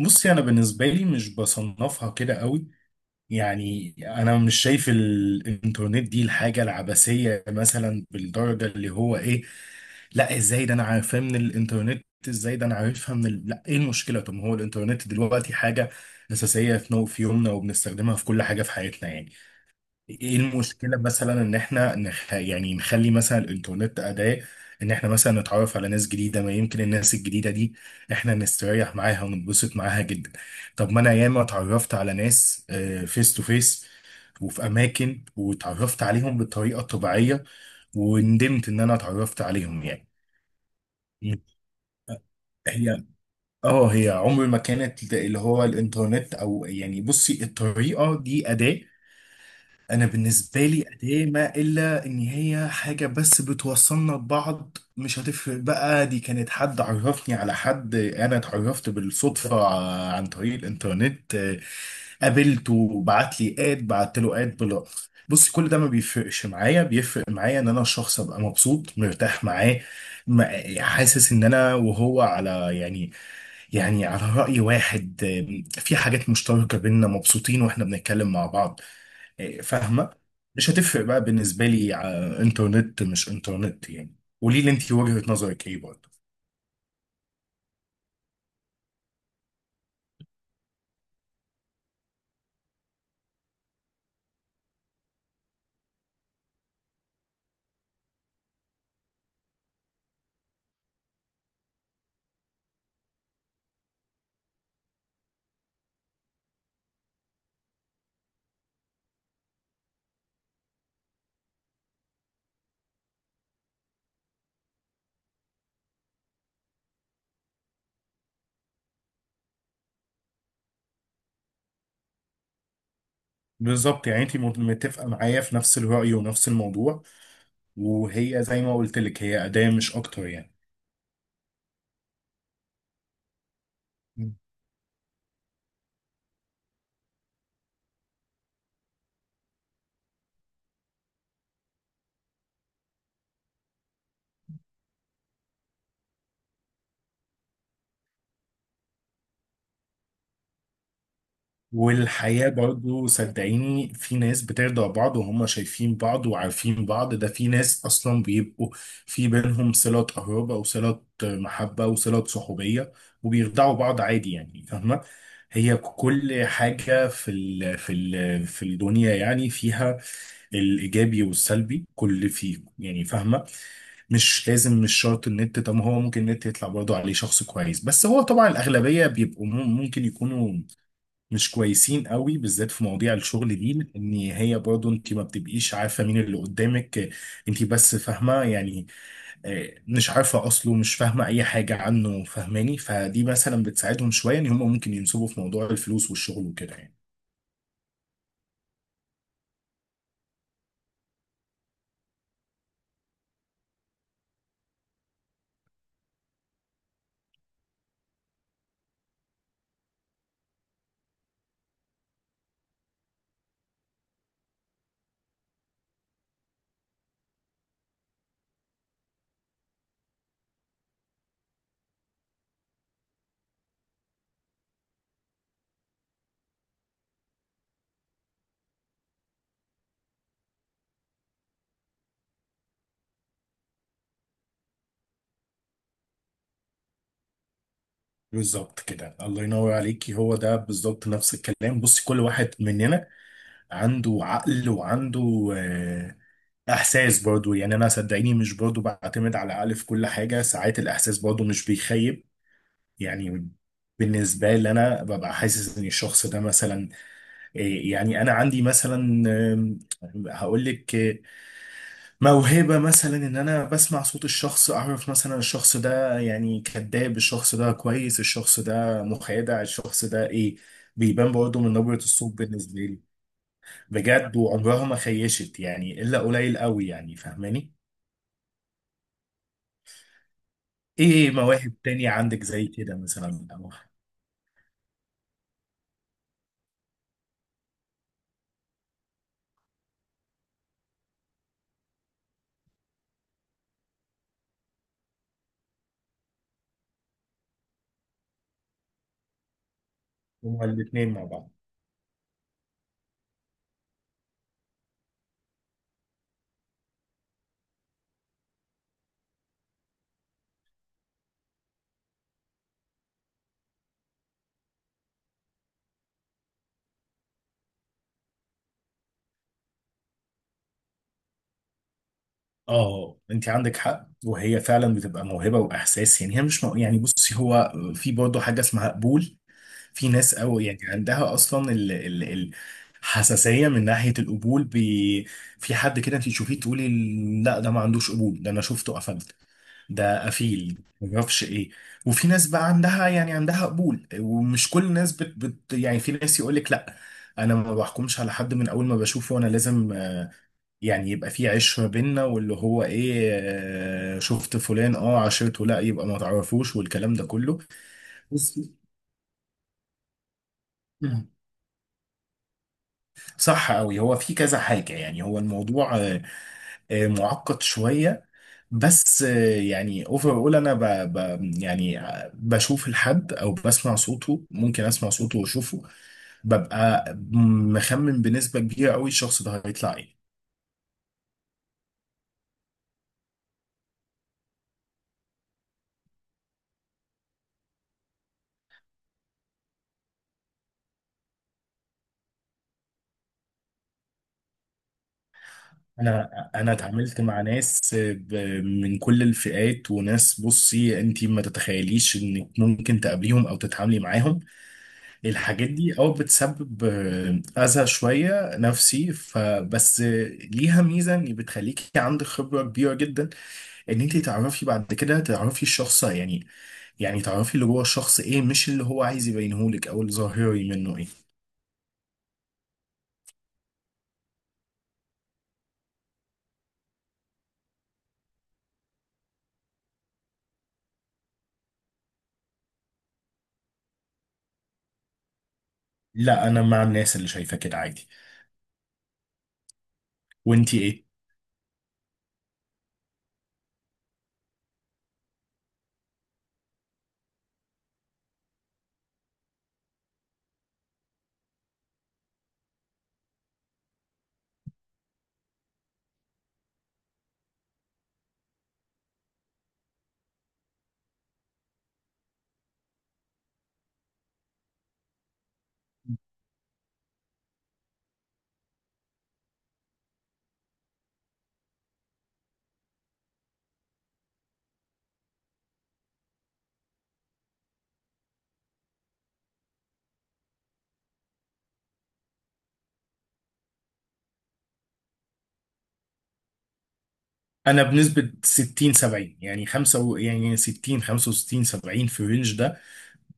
بصي، انا بالنسبه لي مش بصنفها كده قوي. يعني انا مش شايف الانترنت دي الحاجه العبثيه مثلا بالدرجه اللي هو ايه. لا، ازاي ده انا عارفاه من الانترنت، ازاي ده انا عارفها من لا ايه المشكله؟ طب ما هو الانترنت دلوقتي حاجه اساسيه في يومنا وبنستخدمها في كل حاجه في حياتنا يعني. ايه المشكلة مثلا ان احنا يعني نخلي مثلا الانترنت اداة ان احنا مثلا نتعرف على ناس جديدة، ما يمكن الناس الجديدة دي احنا نستريح معاها ونتبسط معاها جدا. طب ما انا ياما اتعرفت على ناس فيس تو فيس وفي اماكن واتعرفت عليهم بالطريقة الطبيعية وندمت ان انا اتعرفت عليهم يعني. مم. هي اه هي عمر ما كانت اللي هو الانترنت، او يعني بصي الطريقة دي أداة. انا بالنسبه لي اداه، ما الا ان هي حاجه بس بتوصلنا ببعض، مش هتفرق بقى دي كانت حد عرفني على حد انا اتعرفت بالصدفه عن طريق الانترنت. قابلته، بعت لي اد، بعت له اد بلا، بص كل ده ما بيفرقش معايا. بيفرق معايا ان انا الشخص ابقى مبسوط مرتاح معاه، حاسس ان انا وهو على يعني، يعني على راي واحد، في حاجات مشتركه بينا مبسوطين واحنا بنتكلم مع بعض. فاهمه؟ مش هتفرق بقى بالنسبه لي، انترنت مش انترنت يعني. قولي لي انت وجهه نظرك ايه برضه؟ بالظبط، يعني انت متفقه معايا في نفس الراي ونفس الموضوع. وهي زي ما قلت لك، هي اداه مش اكتر يعني. والحياة برضو صدقيني في ناس بترضع بعض وهم شايفين بعض وعارفين بعض، ده في ناس أصلا بيبقوا في بينهم صلة قرابة وصلة محبة وصلة صحوبية وبيرضعوا بعض عادي يعني. فاهمة؟ هي كل حاجة في الدنيا يعني فيها الإيجابي والسلبي، كل فيه يعني. فاهمة؟ مش لازم، مش شرط النت. طب هو ممكن النت يطلع برضه عليه شخص كويس، بس هو طبعا الأغلبية بيبقوا ممكن يكونوا مش كويسين قوي، بالذات في مواضيع الشغل دي، ان هي برضو انت ما بتبقيش عارفه مين اللي قدامك. انت بس فاهمه يعني، مش عارفه اصله، مش فاهمه اي حاجه عنه، فاهماني؟ فدي مثلا بتساعدهم شويه ان هم ممكن ينسبوا في موضوع الفلوس والشغل وكده يعني. بالظبط كده، الله ينور عليكي، هو ده بالظبط نفس الكلام. بصي كل واحد مننا عنده عقل وعنده احساس برضو، يعني انا صدقيني مش برضو بعتمد على العقل في كل حاجه، ساعات الاحساس برضو مش بيخيب يعني. بالنسبة لي أنا ببقى حاسس إن الشخص ده مثلا يعني أنا عندي مثلا هقول لك، موهبة مثلا إن أنا بسمع صوت الشخص أعرف مثلا الشخص ده يعني كذاب، الشخص ده كويس، الشخص ده مخادع، الشخص ده إيه. بيبان برضه من نبرة الصوت بالنسبة لي، بجد، وعمرها ما خيشت يعني إلا قليل قوي، يعني فاهماني؟ إيه، مواهب تانية عندك زي كده مثلا أو هما الاتنين مع بعض؟ اه انت عندك حق، وهي فعلا بتبقى موهبه واحساس يعني. هي مش يعني بصي هو في برضه حاجه اسمها قبول. في ناس او يعني عندها اصلا حساسيه من ناحيه القبول. في حد كده انت تشوفيه تقولي لا ده ما عندوش قبول، ده انا شفته قفلت، ده قفيل ما اعرفش ايه. وفي ناس بقى عندها يعني عندها قبول، ومش كل الناس يعني في ناس يقول لك لا انا ما بحكمش على حد من اول ما بشوفه، انا لازم يعني يبقى في عشرة بينا واللي هو ايه، شفت فلان اه عشرته لا يبقى ما تعرفوش، والكلام ده كله بس. مم. صح قوي. هو في كذا حاجة، يعني هو الموضوع معقد شوية، بس يعني اوفر اول انا ب ب يعني بشوف الحد او بسمع صوته، ممكن اسمع صوته واشوفه ببقى مخمن بنسبة كبيرة قوي الشخص ده هيطلع ايه. انا انا اتعاملت مع ناس من كل الفئات، وناس بصي انت ما تتخيليش انك ممكن تقابليهم او تتعاملي معاهم، الحاجات دي او بتسبب اذى شويه نفسي، فبس ليها ميزه ان بتخليكي عندك خبره كبيره جدا ان انت تعرفي بعد كده تعرفي الشخص يعني، يعني تعرفي اللي جوه الشخص ايه، مش اللي هو عايز يبينهولك او الظاهري منه ايه. لا انا مع الناس اللي شايفه كده عادي. وانت ايه؟ انا بنسبة 60 70، يعني يعني 60 65 70 في الرينج ده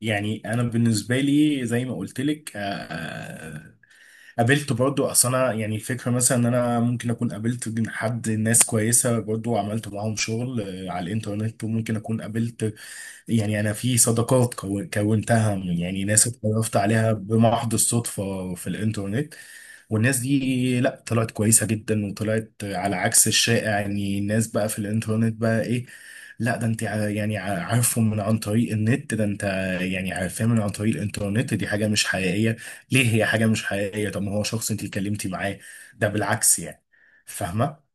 يعني. انا بالنسبة لي زي ما قلت لك، قابلت برضو، اصل انا يعني الفكرة مثلا ان انا ممكن اكون قابلت حد، ناس كويسة برضو وعملت معاهم شغل على الانترنت، وممكن اكون قابلت يعني انا في صداقات كونتها يعني ناس اتعرفت عليها بمحض الصدفه في الانترنت. والناس دي لا طلعت كويسه جدا وطلعت على عكس الشائع، يعني الناس بقى في الانترنت بقى ايه، لا ده انت عارفهم من عن طريق النت، ده انت يعني عارفاه من عن طريق الانترنت دي حاجه مش حقيقيه. ليه هي حاجه مش حقيقيه؟ طب ما هو شخص انت اتكلمتي معاه، ده بالعكس يعني. فاهمه؟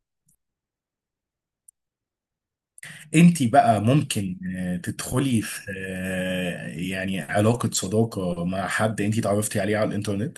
انت بقى ممكن تدخلي في يعني علاقة صداقة مع حد انت اتعرفتي عليه على الانترنت.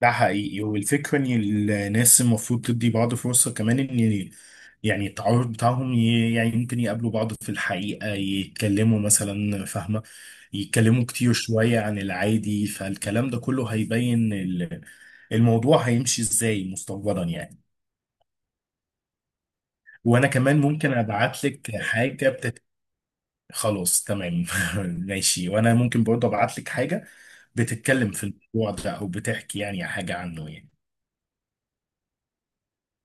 ده حقيقي. والفكرة ان الناس المفروض تدي بعض فرصة كمان، ان يعني التعارف بتاعهم يعني ممكن يقابلوا بعض في الحقيقة، يتكلموا مثلا. فاهمة؟ يتكلموا كتير شوية عن العادي، فالكلام ده كله هيبين الموضوع هيمشي ازاي مستقبلا يعني. وانا كمان ممكن ابعت لك حاجة. خلاص تمام. ماشي، وانا ممكن برضه ابعت لك حاجه بتتكلم في الموضوع ده او بتحكي يعني حاجه عنه يعني.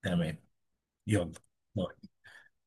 تمام. يلا.